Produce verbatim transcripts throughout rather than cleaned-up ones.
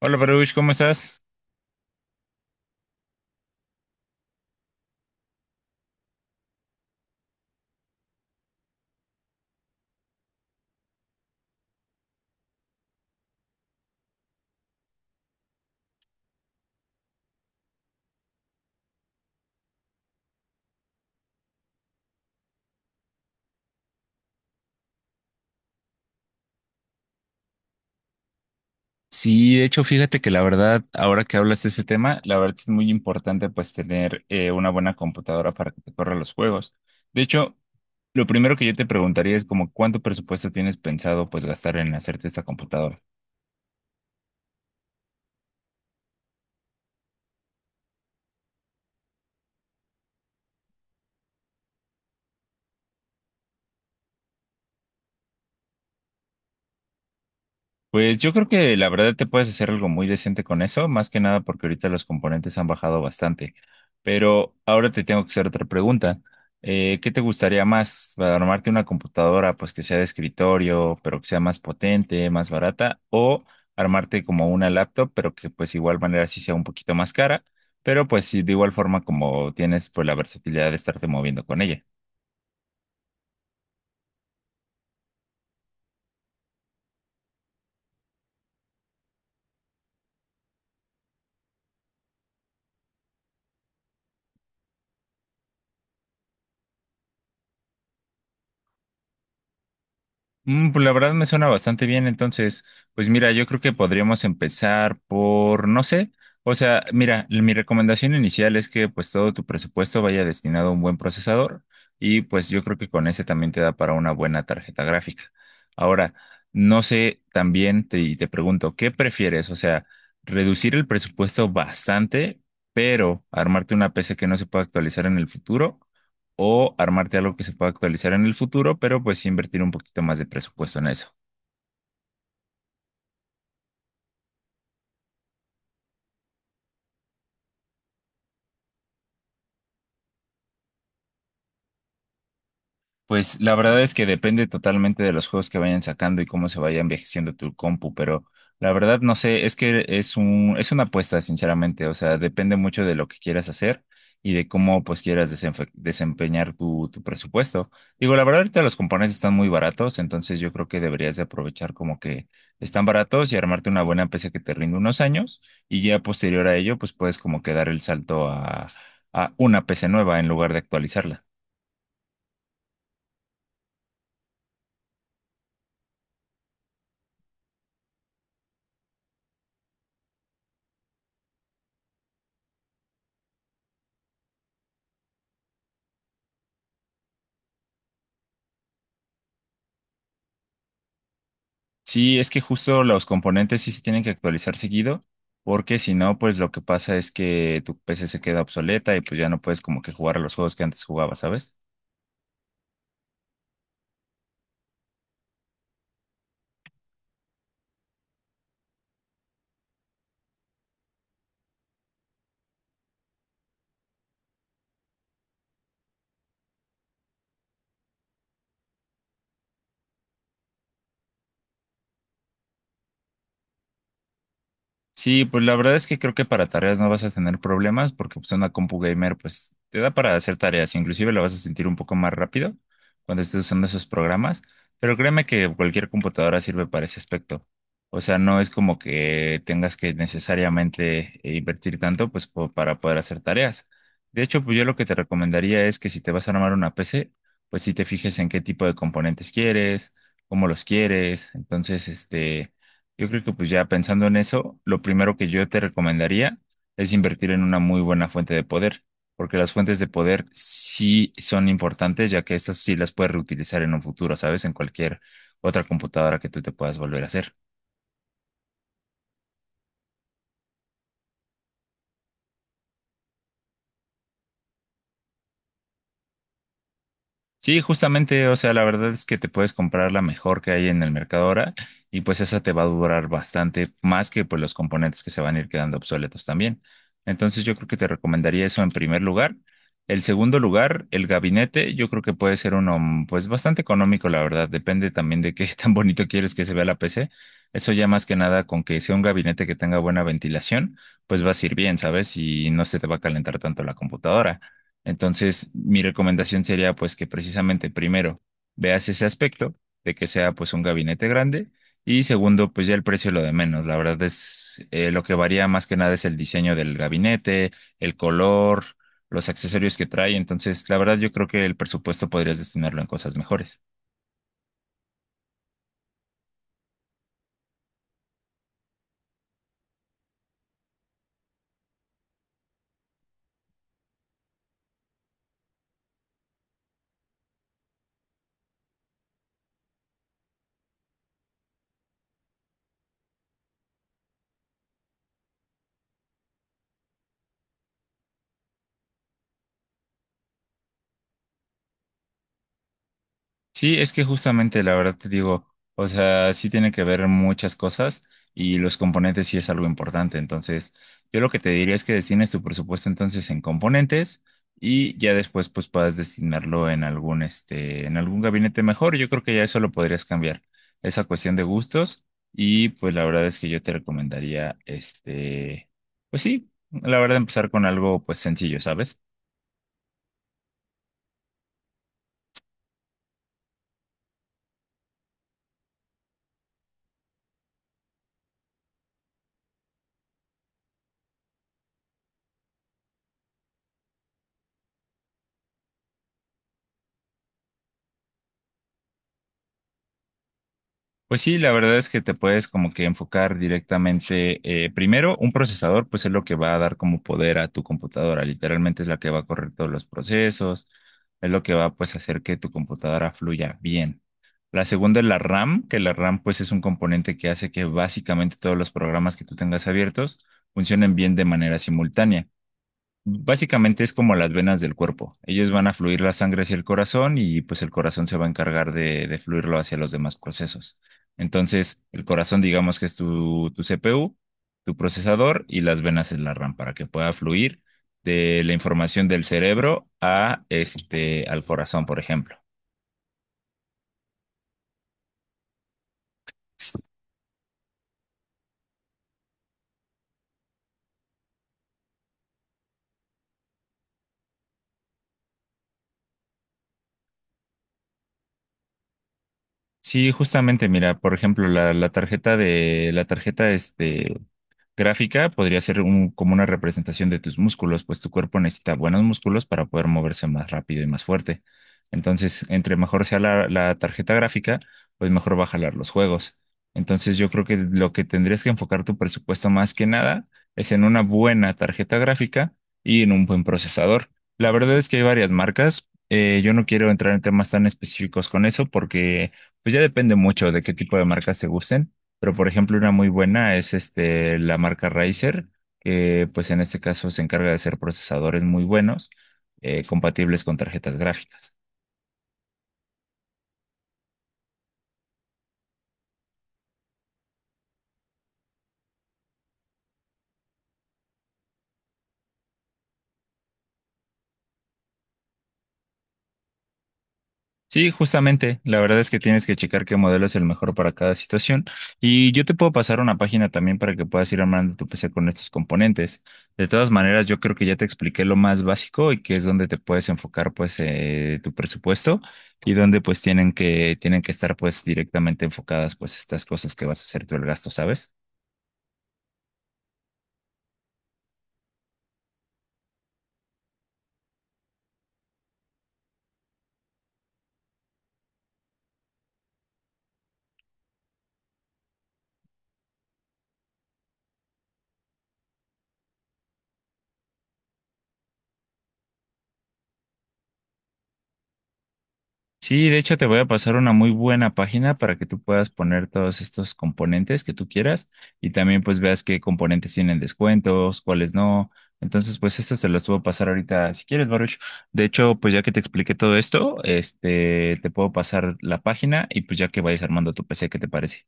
Hola, Baruch, ¿cómo estás? Sí, de hecho, fíjate que la verdad, ahora que hablas de ese tema, la verdad es muy importante pues tener eh, una buena computadora para que te corra los juegos. De hecho, lo primero que yo te preguntaría es como cuánto presupuesto tienes pensado pues gastar en hacerte esta computadora. Pues yo creo que la verdad te puedes hacer algo muy decente con eso, más que nada porque ahorita los componentes han bajado bastante. Pero ahora te tengo que hacer otra pregunta. Eh, ¿qué te gustaría más? ¿Armarte una computadora pues que sea de escritorio, pero que sea más potente, más barata? ¿O armarte como una laptop, pero que pues igual manera sí sea un poquito más cara, pero pues sí, de igual forma como tienes pues la versatilidad de estarte moviendo con ella? Mm, pues la verdad me suena bastante bien, entonces, pues mira, yo creo que podríamos empezar por, no sé, o sea, mira, l- mi recomendación inicial es que pues todo tu presupuesto vaya destinado a un buen procesador y pues yo creo que con ese también te da para una buena tarjeta gráfica. Ahora, no sé, también te, y te pregunto, ¿qué prefieres? O sea, reducir el presupuesto bastante, pero armarte una P C que no se pueda actualizar en el futuro o armarte algo que se pueda actualizar en el futuro, pero pues sí invertir un poquito más de presupuesto en eso. Pues la verdad es que depende totalmente de los juegos que vayan sacando y cómo se vaya envejeciendo tu compu, pero la verdad no sé, es que es un, es una apuesta, sinceramente, o sea, depende mucho de lo que quieras hacer y de cómo pues quieras desenfe- desempeñar tu, tu presupuesto. Digo, la verdad ahorita los componentes están muy baratos, entonces yo creo que deberías de aprovechar como que están baratos y armarte una buena P C que te rinde unos años y ya posterior a ello pues puedes como que dar el salto a, a una P C nueva en lugar de actualizarla. Sí, es que justo los componentes sí se tienen que actualizar seguido, porque si no, pues lo que pasa es que tu P C se queda obsoleta y pues ya no puedes como que jugar a los juegos que antes jugabas, ¿sabes? Sí, pues la verdad es que creo que para tareas no vas a tener problemas porque pues una compu gamer pues te da para hacer tareas, inclusive la vas a sentir un poco más rápido cuando estés usando esos programas, pero créeme que cualquier computadora sirve para ese aspecto. O sea, no es como que tengas que necesariamente eh, invertir tanto pues po- para poder hacer tareas. De hecho, pues yo lo que te recomendaría es que si te vas a armar una P C, pues si te fijes en qué tipo de componentes quieres, cómo los quieres, entonces este yo creo que pues ya pensando en eso, lo primero que yo te recomendaría es invertir en una muy buena fuente de poder, porque las fuentes de poder sí son importantes, ya que estas sí las puedes reutilizar en un futuro, ¿sabes? En cualquier otra computadora que tú te puedas volver a hacer. Sí, justamente, o sea, la verdad es que te puedes comprar la mejor que hay en el mercado ahora y pues esa te va a durar bastante más que pues los componentes que se van a ir quedando obsoletos también. Entonces yo creo que te recomendaría eso en primer lugar. El segundo lugar, el gabinete, yo creo que puede ser uno mm, pues bastante económico, la verdad, depende también de qué tan bonito quieres que se vea la P C. Eso ya más que nada con que sea un gabinete que tenga buena ventilación, pues va a ir bien, ¿sabes? Y no se te va a calentar tanto la computadora. Entonces, mi recomendación sería pues que precisamente primero veas ese aspecto de que sea pues un gabinete grande y segundo pues ya el precio es lo de menos. La verdad es eh, lo que varía más que nada es el diseño del gabinete, el color, los accesorios que trae. Entonces, la verdad yo creo que el presupuesto podrías destinarlo en cosas mejores. Sí, es que justamente la verdad te digo, o sea, sí tiene que ver muchas cosas y los componentes sí es algo importante. Entonces, yo lo que te diría es que destines tu presupuesto entonces en componentes y ya después pues puedas destinarlo en algún este, en algún gabinete mejor. Yo creo que ya eso lo podrías cambiar, esa cuestión de gustos y pues la verdad es que yo te recomendaría este, pues sí, la verdad empezar con algo pues sencillo, ¿sabes? Pues sí, la verdad es que te puedes como que enfocar directamente. Eh, primero, un procesador, pues es lo que va a dar como poder a tu computadora. Literalmente es la que va a correr todos los procesos, es lo que va pues a hacer que tu computadora fluya bien. La segunda es la RAM, que la RAM pues es un componente que hace que básicamente todos los programas que tú tengas abiertos funcionen bien de manera simultánea. Básicamente es como las venas del cuerpo. Ellos van a fluir la sangre hacia el corazón y pues el corazón se va a encargar de, de fluirlo hacia los demás procesos. Entonces, el corazón digamos que es tu, tu C P U, tu procesador y las venas es la RAM para que pueda fluir de la información del cerebro a este, al corazón, por ejemplo. Sí, justamente, mira, por ejemplo, la, la tarjeta de la tarjeta este Gráfica podría ser un- como una representación de tus músculos, pues tu cuerpo necesita buenos músculos para poder moverse más rápido y más fuerte. Entonces, entre mejor sea la, la tarjeta gráfica, pues mejor va a jalar los juegos. Entonces, yo creo que lo que tendrías que enfocar tu presupuesto más que nada es en una buena tarjeta gráfica y en un buen procesador. La verdad es que hay varias marcas. Eh, yo no quiero entrar en temas tan específicos con eso porque pues ya depende mucho de qué tipo de marcas te gusten pero por ejemplo, una muy buena es este, la marca Razer, que pues en este caso se encarga de hacer procesadores muy buenos, eh, compatibles con tarjetas gráficas. Sí, justamente. La verdad es que tienes que checar qué modelo es el mejor para cada situación. Y yo te puedo pasar una página también para que puedas ir armando tu P C con estos componentes. De todas maneras, yo creo que ya te expliqué lo más básico y que es donde te puedes enfocar pues eh, tu presupuesto y donde pues tienen que, tienen que estar pues directamente enfocadas pues estas cosas que vas a hacer tú el gasto, ¿sabes? Sí, de hecho te voy a pasar una muy buena página para que tú puedas poner todos estos componentes que tú quieras y también pues veas qué componentes tienen descuentos, cuáles no. Entonces, pues esto se los puedo pasar ahorita si quieres, Baruch. De hecho, pues ya que te expliqué todo esto, este, te puedo pasar la página y pues ya que vayas armando tu P C, ¿qué te parece?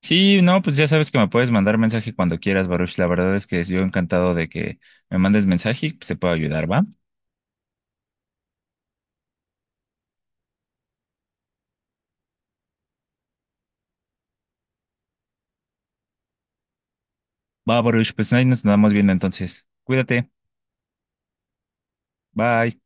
Sí, no, pues ya sabes que me puedes mandar mensaje cuando quieras, Baruch. La verdad es que yo encantado de que me mandes mensaje y pues, te puedo ayudar, ¿va? Va, Baruch, pues ahí nos andamos viendo entonces. Cuídate. Bye.